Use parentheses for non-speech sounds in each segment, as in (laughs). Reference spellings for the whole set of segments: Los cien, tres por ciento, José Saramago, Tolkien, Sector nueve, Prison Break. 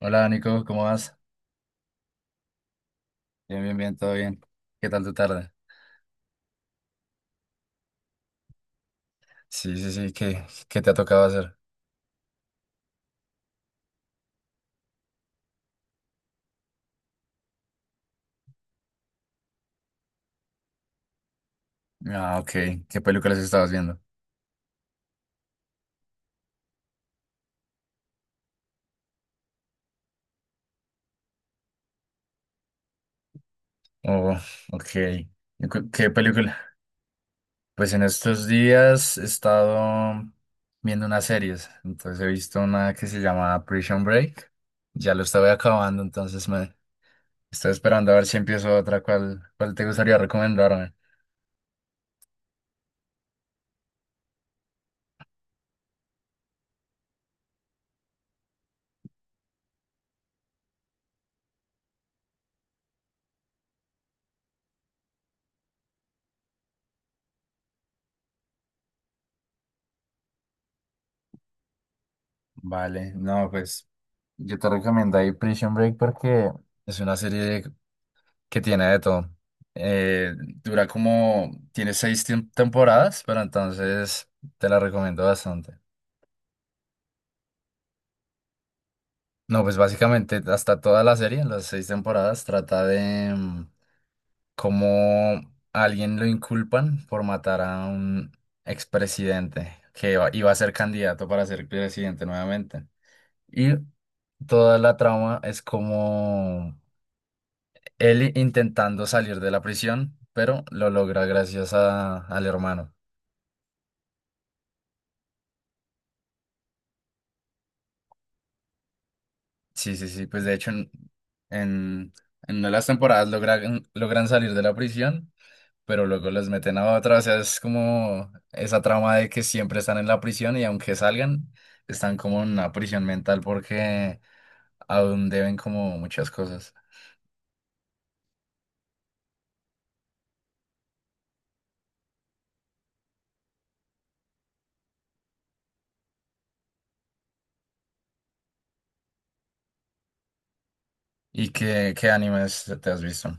Hola Nico, ¿cómo vas? Bien, bien, bien, todo bien. ¿Qué tal tu tarde? Sí, sí, sí, ¿qué te ha tocado hacer? Ah, ok. ¿Qué películas estabas viendo? Oh, ok. ¿Qué película? Pues en estos días he estado viendo unas series. Entonces he visto una que se llama Prison Break. Ya lo estaba acabando, entonces me estoy esperando a ver si empiezo otra. ¿Cuál te gustaría recomendarme? Vale, no, pues yo te recomiendo ahí Prison Break porque es una serie que tiene de todo. Eh, Dura como, tiene seis temporadas, pero entonces te la recomiendo bastante. No, pues básicamente hasta toda la serie, en las seis temporadas, trata de cómo a alguien lo inculpan por matar a un expresidente que iba a ser candidato para ser presidente nuevamente. Y toda la trama es como él intentando salir de la prisión, pero lo logra gracias al hermano. Sí, sí, sí, pues de hecho en, en una de las temporadas logran salir de la prisión, pero luego los meten a otra, o sea, es como esa trama de que siempre están en la prisión y aunque salgan, están como en una prisión mental porque aún deben como muchas cosas. ¿Y qué animes te has visto?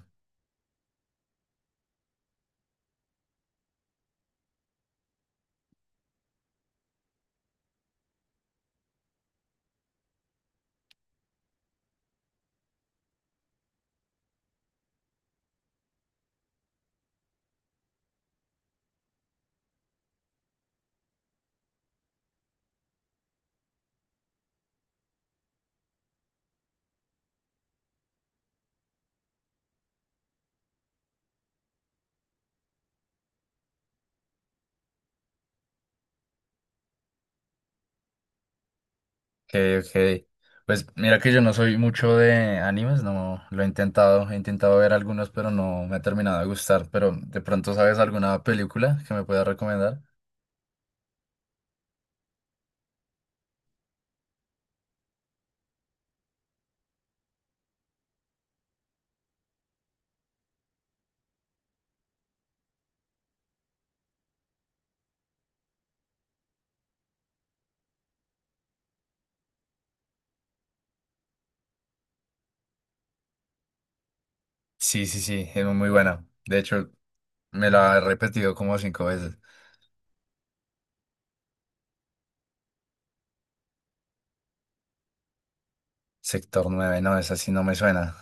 Ok, ok. Pues mira que yo no soy mucho de animes, no lo he intentado ver algunos, pero no me ha terminado de gustar, pero de pronto sabes alguna película que me puedas recomendar. Sí, sí, sí, es muy buena. De hecho, me la he repetido como cinco veces. Sector nueve no, esa sí no me suena.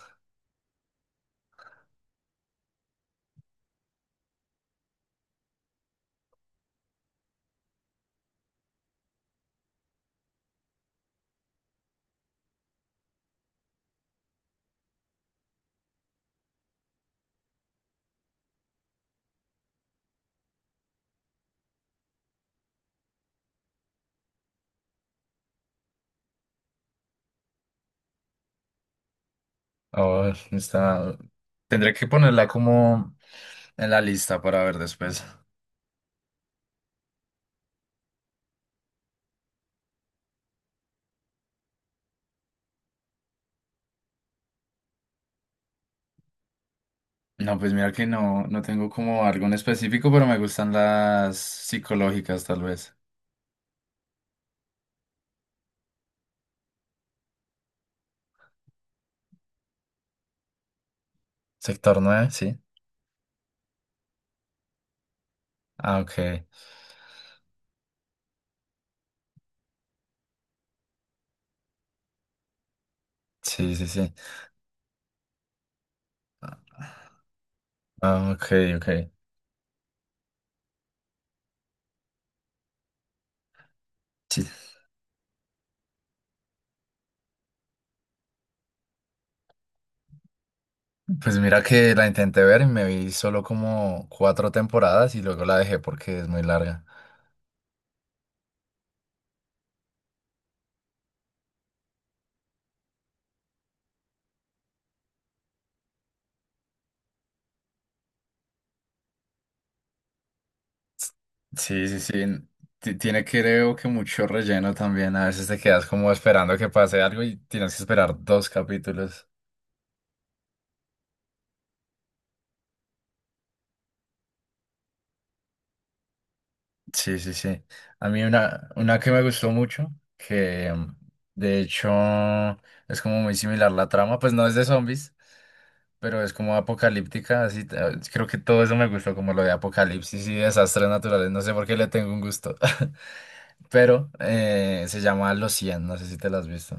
Oh, tendré que ponerla como en la lista para ver después. No, pues mira que no, no tengo como algo en específico, pero me gustan las psicológicas tal vez. Sector nueve sí. Ah, ok. Sí, sí, sí. Ah, ok, ok. Sí. Pues mira que la intenté ver y me vi solo como cuatro temporadas y luego la dejé porque es muy larga. Sí, sí, sí. Tiene creo que mucho relleno también. A veces te quedas como esperando que pase algo y tienes que esperar dos capítulos. Sí, sí, sí. A mí una que me gustó mucho, que de hecho es como muy similar la trama, pues no es de zombies, pero es como apocalíptica, así creo que todo eso me gustó, como lo de apocalipsis y desastres naturales, no sé por qué le tengo un gusto, (laughs) pero se llama Los 100. No sé si te lo has visto.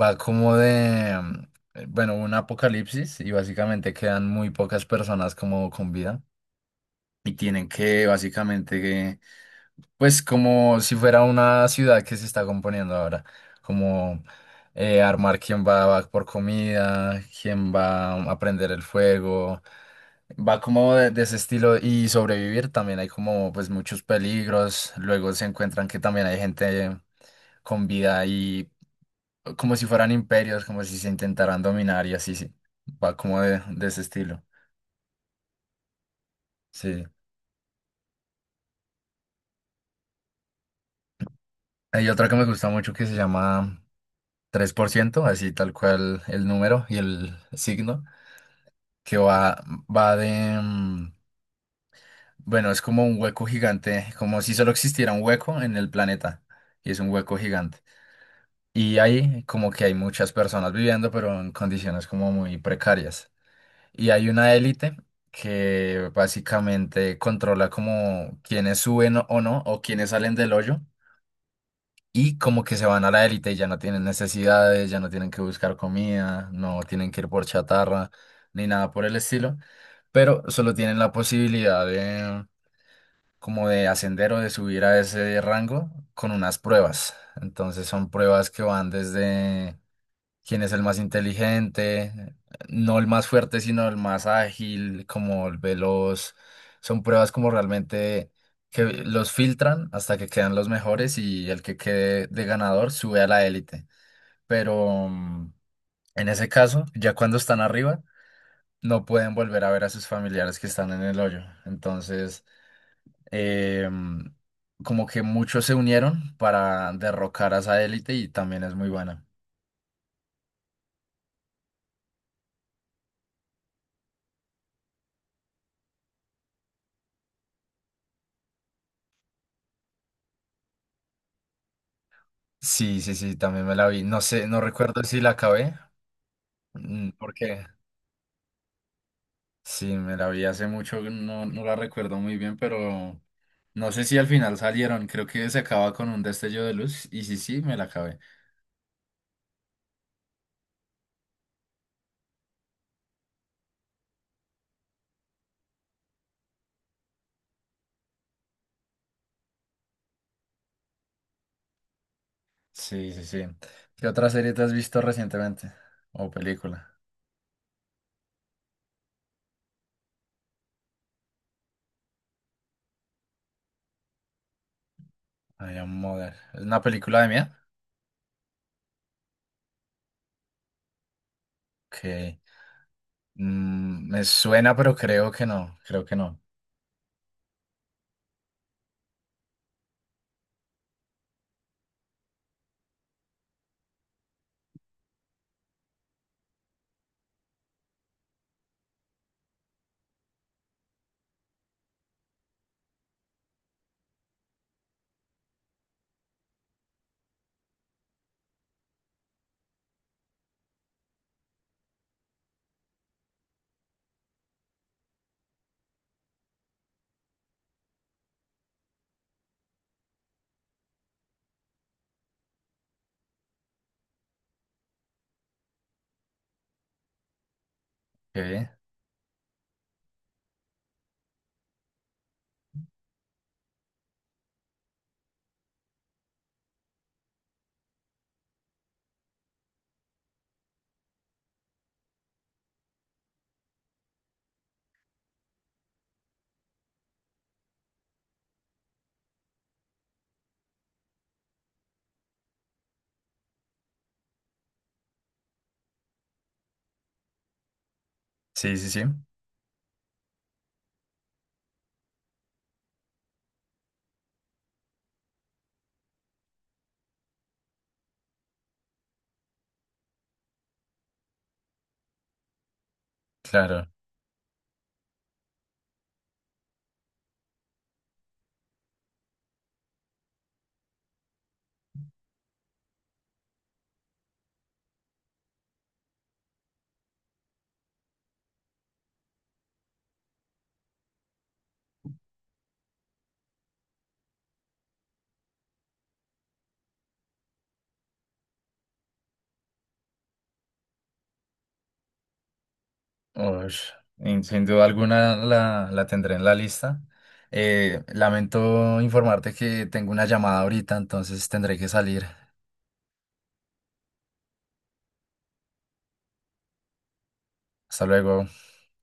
Va como de, bueno, un apocalipsis y básicamente quedan muy pocas personas como con vida y tienen que básicamente, pues como si fuera una ciudad que se está componiendo ahora, como armar quién va, por comida, quién va a prender el fuego, va como de ese estilo y sobrevivir, también hay como pues muchos peligros, luego se encuentran que también hay gente con vida como si fueran imperios, como si se intentaran dominar y así, sí. Va como de ese estilo. Sí. Hay otra que me gusta mucho que se llama 3%, así tal cual el número y el signo, que va bueno, es como un hueco gigante, como si solo existiera un hueco en el planeta, y es un hueco gigante. Y ahí como que hay muchas personas viviendo, pero en condiciones como muy precarias. Y hay una élite que básicamente controla como quiénes suben o no, o quiénes salen del hoyo, y como que se van a la élite y ya no tienen necesidades, ya no tienen que buscar comida, no tienen que ir por chatarra, ni nada por el estilo, pero solo tienen la posibilidad de como de ascender o de subir a ese rango con unas pruebas. Entonces son pruebas que van desde quién es el más inteligente, no el más fuerte, sino el más ágil, como el veloz. Son pruebas como realmente que los filtran hasta que quedan los mejores y el que quede de ganador sube a la élite. Pero en ese caso, ya cuando están arriba, no pueden volver a ver a sus familiares que están en el hoyo. Entonces, em, como que muchos se unieron para derrocar a esa élite y también es muy buena. Sí, sí, sí, también me la vi. No sé, no recuerdo si la acabé, porque sí, me la vi hace mucho, no, no la recuerdo muy bien, pero no sé si al final salieron. Creo que se acaba con un destello de luz y sí, sí, me la acabé. Sí, sí, sí. ¿Qué otra serie te has visto recientemente? ¿O película? Ay, Am Mother. ¿Es una película de mía? Que me suena, pero creo que no, creo que no. Ok. Sí, sí, sí, claro. Ush, sin duda alguna la tendré en la lista. Lamento informarte que tengo una llamada ahorita, entonces tendré que salir. Hasta luego.